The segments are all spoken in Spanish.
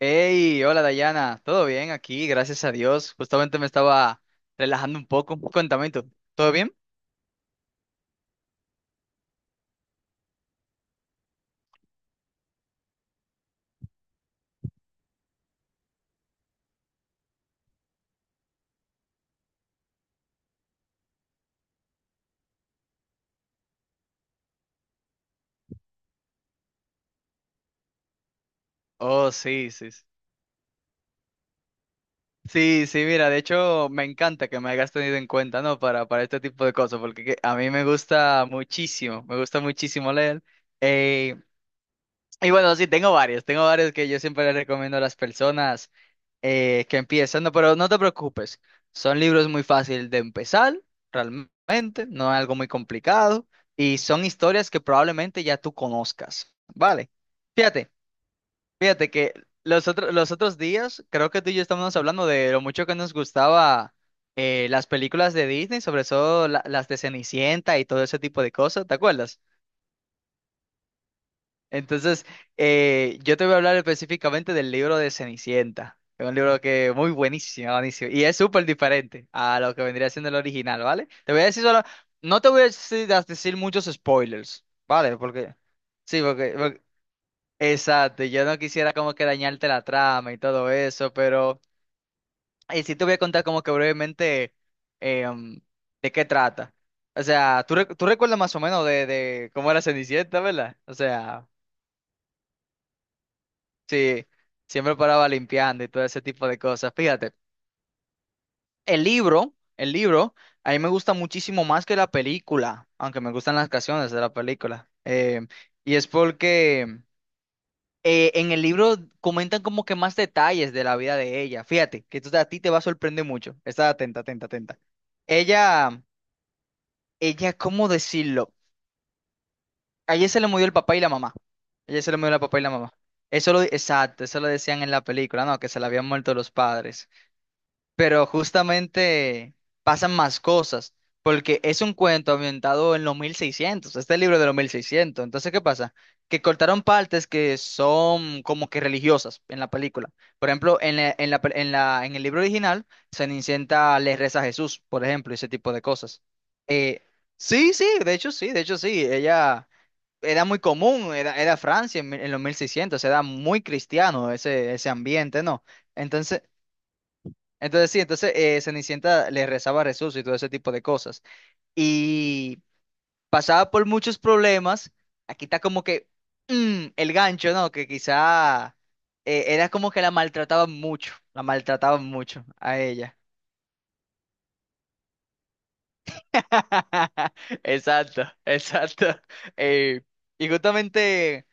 Hey, hola Dayana, ¿todo bien aquí? Gracias a Dios. Justamente me estaba relajando un poco. Cuéntame tú, ¿todo bien? Oh, sí, sí. Sí, sí, sí, mira, de hecho me encanta que me hayas tenido en cuenta, ¿no? Para este tipo de cosas, a mí me gusta muchísimo leer. Eh, y bueno, sí, tengo varios que yo siempre les recomiendo a las personas que empiezan, no, pero no te preocupes, son libros muy fáciles de empezar, realmente, no es algo muy complicado, y son historias que probablemente ya tú conozcas, ¿vale? Fíjate, fíjate que los otros días, creo que tú y yo estábamos hablando de lo mucho que nos gustaba las películas de Disney, sobre todo las de Cenicienta y todo ese tipo de cosas, ¿te acuerdas? Entonces, yo te voy a hablar específicamente del libro de Cenicienta. Es un libro que muy buenísimo, buenísimo. Y es súper diferente a lo que vendría siendo el original, ¿vale? Te voy a decir solo, no te voy a decir muchos spoilers, ¿vale? Sí, Exacto, yo no quisiera como que dañarte la trama y todo eso, y sí te voy a contar como que brevemente em, de qué trata. O sea, tú, tú recuerdas más o menos de cómo era Cenicienta, ¿verdad? O sea... Sí, siempre paraba limpiando y todo ese tipo de cosas. Fíjate, el libro, a mí me gusta muchísimo más que la película, aunque me gustan las canciones de la película. Y es porque en el libro comentan como que más detalles de la vida de ella. Fíjate, que esto a ti te va a sorprender mucho. Está atenta, atenta, atenta. Ella, ella, ¿cómo decirlo? A ella se le murió el papá y la mamá. A ella se le murió el papá y la mamá. Eso lo, exacto, eso lo decían en la película, ¿no? Que se le habían muerto los padres. Pero justamente pasan más cosas, porque es un cuento ambientado en los 1600, este libro de los 1600. Entonces, ¿qué pasa? Que cortaron partes que son como que religiosas en la película. Por ejemplo, en la, pe- en la- en el libro original se inicienta le reza a Jesús, por ejemplo, ese tipo de cosas. Eh, sí, sí, de hecho sí, de hecho sí, ella era muy común, era Francia en, en los 1600 era muy cristiano ese ambiente, ¿no? entonces entonces sí, Cenicienta le rezaba a Jesús y todo ese tipo de cosas. Y pasaba por muchos problemas. Aquí está como que el gancho, ¿no? Que quizá era como que la maltrataban mucho a ella. Exacto, exacto. Eh, y justamente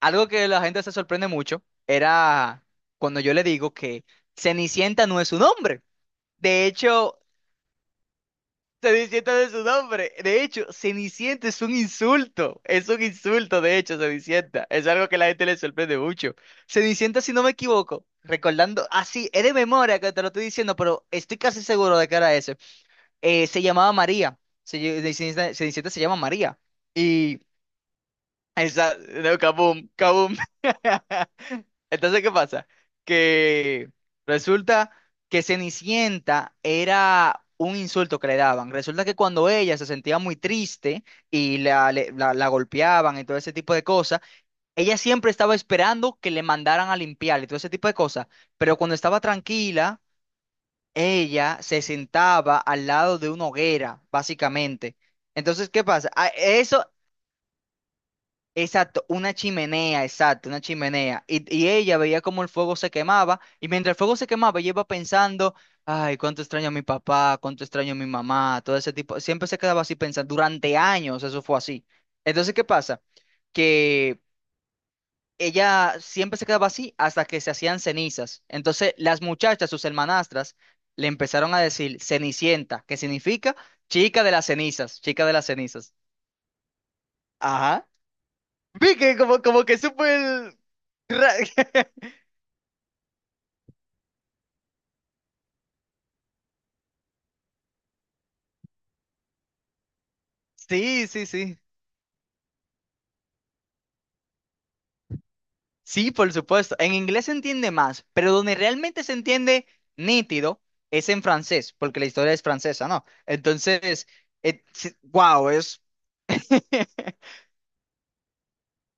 algo que la gente se sorprende mucho era cuando yo le digo que Cenicienta no es un hombre. De hecho, Cenicienta de su nombre. De hecho, Cenicienta es un insulto. Es un insulto, de hecho, Cenicienta. Es algo que la gente le sorprende mucho. Cenicienta, si no me equivoco, recordando, así, es de memoria que te lo estoy diciendo, pero estoy casi seguro de que era ese. Se llamaba María. Cenicienta se llama María. Y esa, no, kaboom, kaboom. Entonces, ¿qué pasa? Que resulta que Cenicienta era un insulto que le daban. Resulta que cuando ella se sentía muy triste y la golpeaban y todo ese tipo de cosas, ella siempre estaba esperando que le mandaran a limpiar y todo ese tipo de cosas. Pero cuando estaba tranquila, ella se sentaba al lado de una hoguera, básicamente. Entonces, ¿qué pasa? Eso, exacto, una chimenea, exacto, una chimenea. Y ella veía cómo el fuego se quemaba, y mientras el fuego se quemaba, ella iba pensando, ay, cuánto extraño a mi papá, cuánto extraño a mi mamá, todo ese tipo. Siempre se quedaba así pensando, durante años eso fue así. Entonces, ¿qué pasa? Que ella siempre se quedaba así hasta que se hacían cenizas. Entonces, las muchachas, sus hermanastras, le empezaron a decir Cenicienta, que significa chica de las cenizas, chica de las cenizas. Ajá. Vi que como que supo el... ra- Sí, sí, sí. Sí, por supuesto. En inglés se entiende más, pero donde realmente se entiende nítido es en francés, porque la historia es francesa, ¿no? Entonces, wow, es...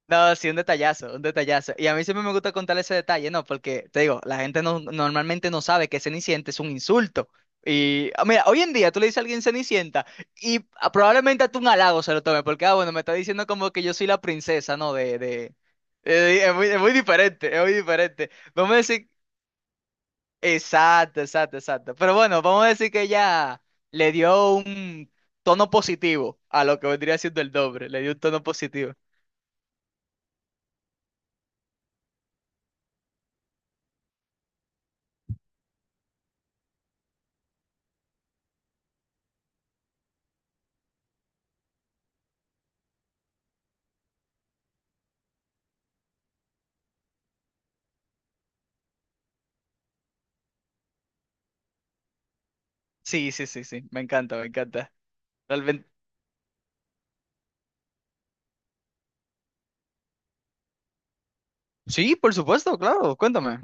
No, sí, un detallazo, un detallazo. Y a mí siempre me gusta contar ese detalle, ¿no? Porque, te digo, la gente no, normalmente no sabe que Cenicienta es un insulto. Y, ah, mira, hoy en día tú le dices a alguien Cenicienta y ah, probablemente a tú un halago se lo tome, porque, ah, bueno, me está diciendo como que yo soy la princesa, ¿no? De... es muy, diferente, es muy diferente. Vamos a decir, exacto, exacto, exacto. Pero bueno, vamos a decir que ella le dio un tono positivo a lo que vendría siendo el doble, le dio un tono positivo. Sí, sí, sí, sí, me encanta, me encanta. Realmente. Sí, por supuesto, claro, cuéntame.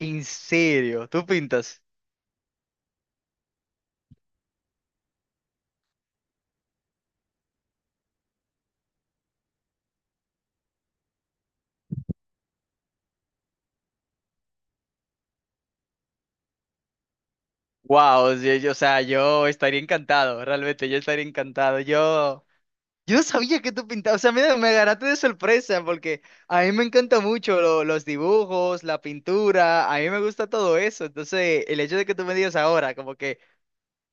En serio, tú pintas. Wow, o sea, yo estaría encantado, realmente, yo estaría encantado. Yo no sabía que tú pintabas, o sea, mira, me agarraste de sorpresa porque a mí me encanta mucho los dibujos, la pintura, a mí me gusta todo eso. Entonces, el hecho de que tú me digas ahora, como que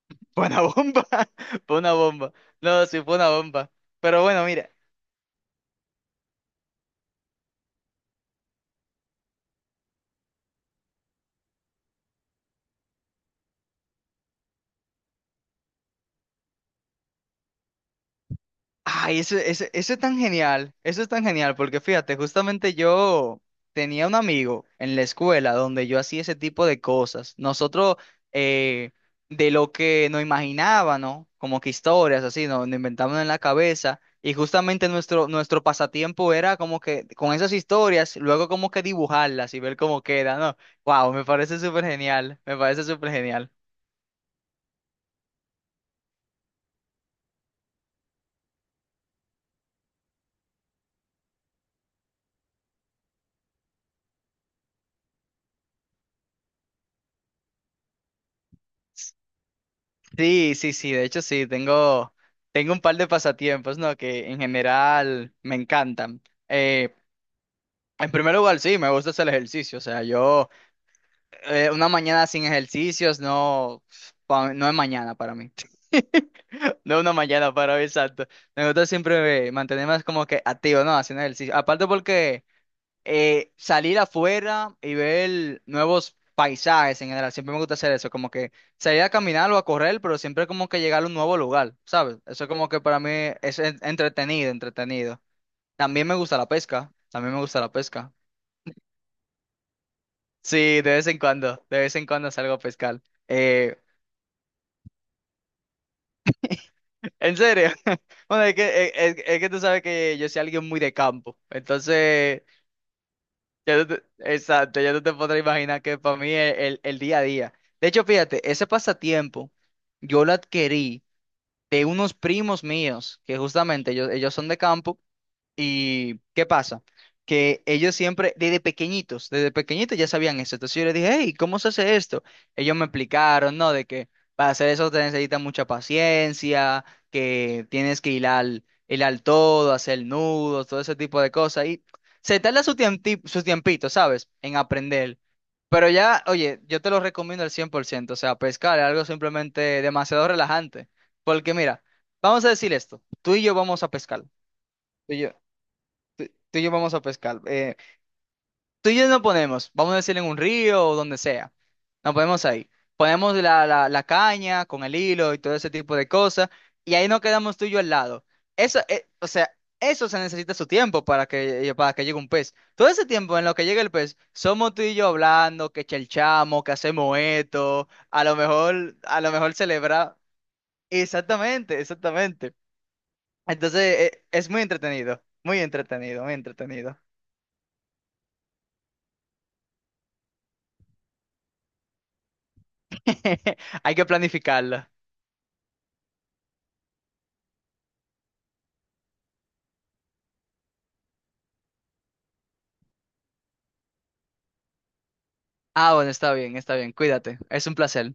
fue una bomba, fue una bomba. No, sí, fue una bomba. Pero bueno, mira. Ay, eso es tan genial, eso es tan genial, porque fíjate, justamente yo tenía un amigo en la escuela donde yo hacía ese tipo de cosas. Nosotros, eh, de lo que nos imaginábamos, como que historias así, nos inventábamos en la cabeza, y justamente nuestro, pasatiempo era como que con esas historias, luego como que dibujarlas y ver cómo queda, ¿no? Wow, me parece súper genial, me parece súper genial. Sí, sí, sí, de hecho sí, tengo un par de pasatiempos, ¿no? Que en general me encantan. Eh, en primer lugar, sí, me gusta hacer ejercicio, o sea, yo una mañana sin ejercicios no, no es mañana para mí, no es una mañana para mí, exacto. Me gusta siempre mantenerme como que activo, ¿no? Haciendo ejercicio. Aparte porque... salir afuera y ver nuevos paisajes en general. Siempre me gusta hacer eso, como que salir a caminar o a correr, pero siempre como que llegar a un nuevo lugar, ¿sabes? Eso como que para mí es entretenido, entretenido. También me gusta la pesca, también me gusta la pesca. Sí, de vez en cuando, de vez en cuando salgo a pescar. Eh, en serio, bueno, es que tú sabes que yo soy alguien muy de campo, entonces Ya tú te- exacto, ya tú te podrás imaginar que para mí es el día a día. De hecho, fíjate, ese pasatiempo yo lo adquirí de unos primos míos, que justamente ellos son de campo. ¿Y qué pasa? Que ellos siempre, desde pequeñitos ya sabían eso. Entonces yo les dije, hey, ¿cómo se hace esto? Ellos me explicaron, ¿no? De que para hacer eso te necesita mucha paciencia, que tienes que hilar, hilar todo, hacer nudos, todo ese tipo de cosas. Y se tarda su tiempito, ¿sabes? En aprender. Pero ya, oye, yo te lo recomiendo al 100%. O sea, pescar es algo simplemente demasiado relajante. Porque mira, vamos a decir esto. Tú y yo vamos a pescar. tú y yo- Tú y yo vamos a pescar. Tú y yo nos ponemos, vamos a decir en un río o donde sea. Nos ponemos ahí. Ponemos la caña con el hilo y todo ese tipo de cosas. Y ahí nos quedamos tú y yo al lado. Eso, o sea, eso se necesita su tiempo para que llegue un pez. Todo ese tiempo en lo que llega el pez, somos tú y yo hablando, que chelchamos, que hacemos esto, a lo mejor celebrar. Exactamente, exactamente. Entonces, es muy entretenido, muy entretenido, muy entretenido. Hay que planificarlo. Ah, bueno, está bien, está bien. Cuídate. Es un placer.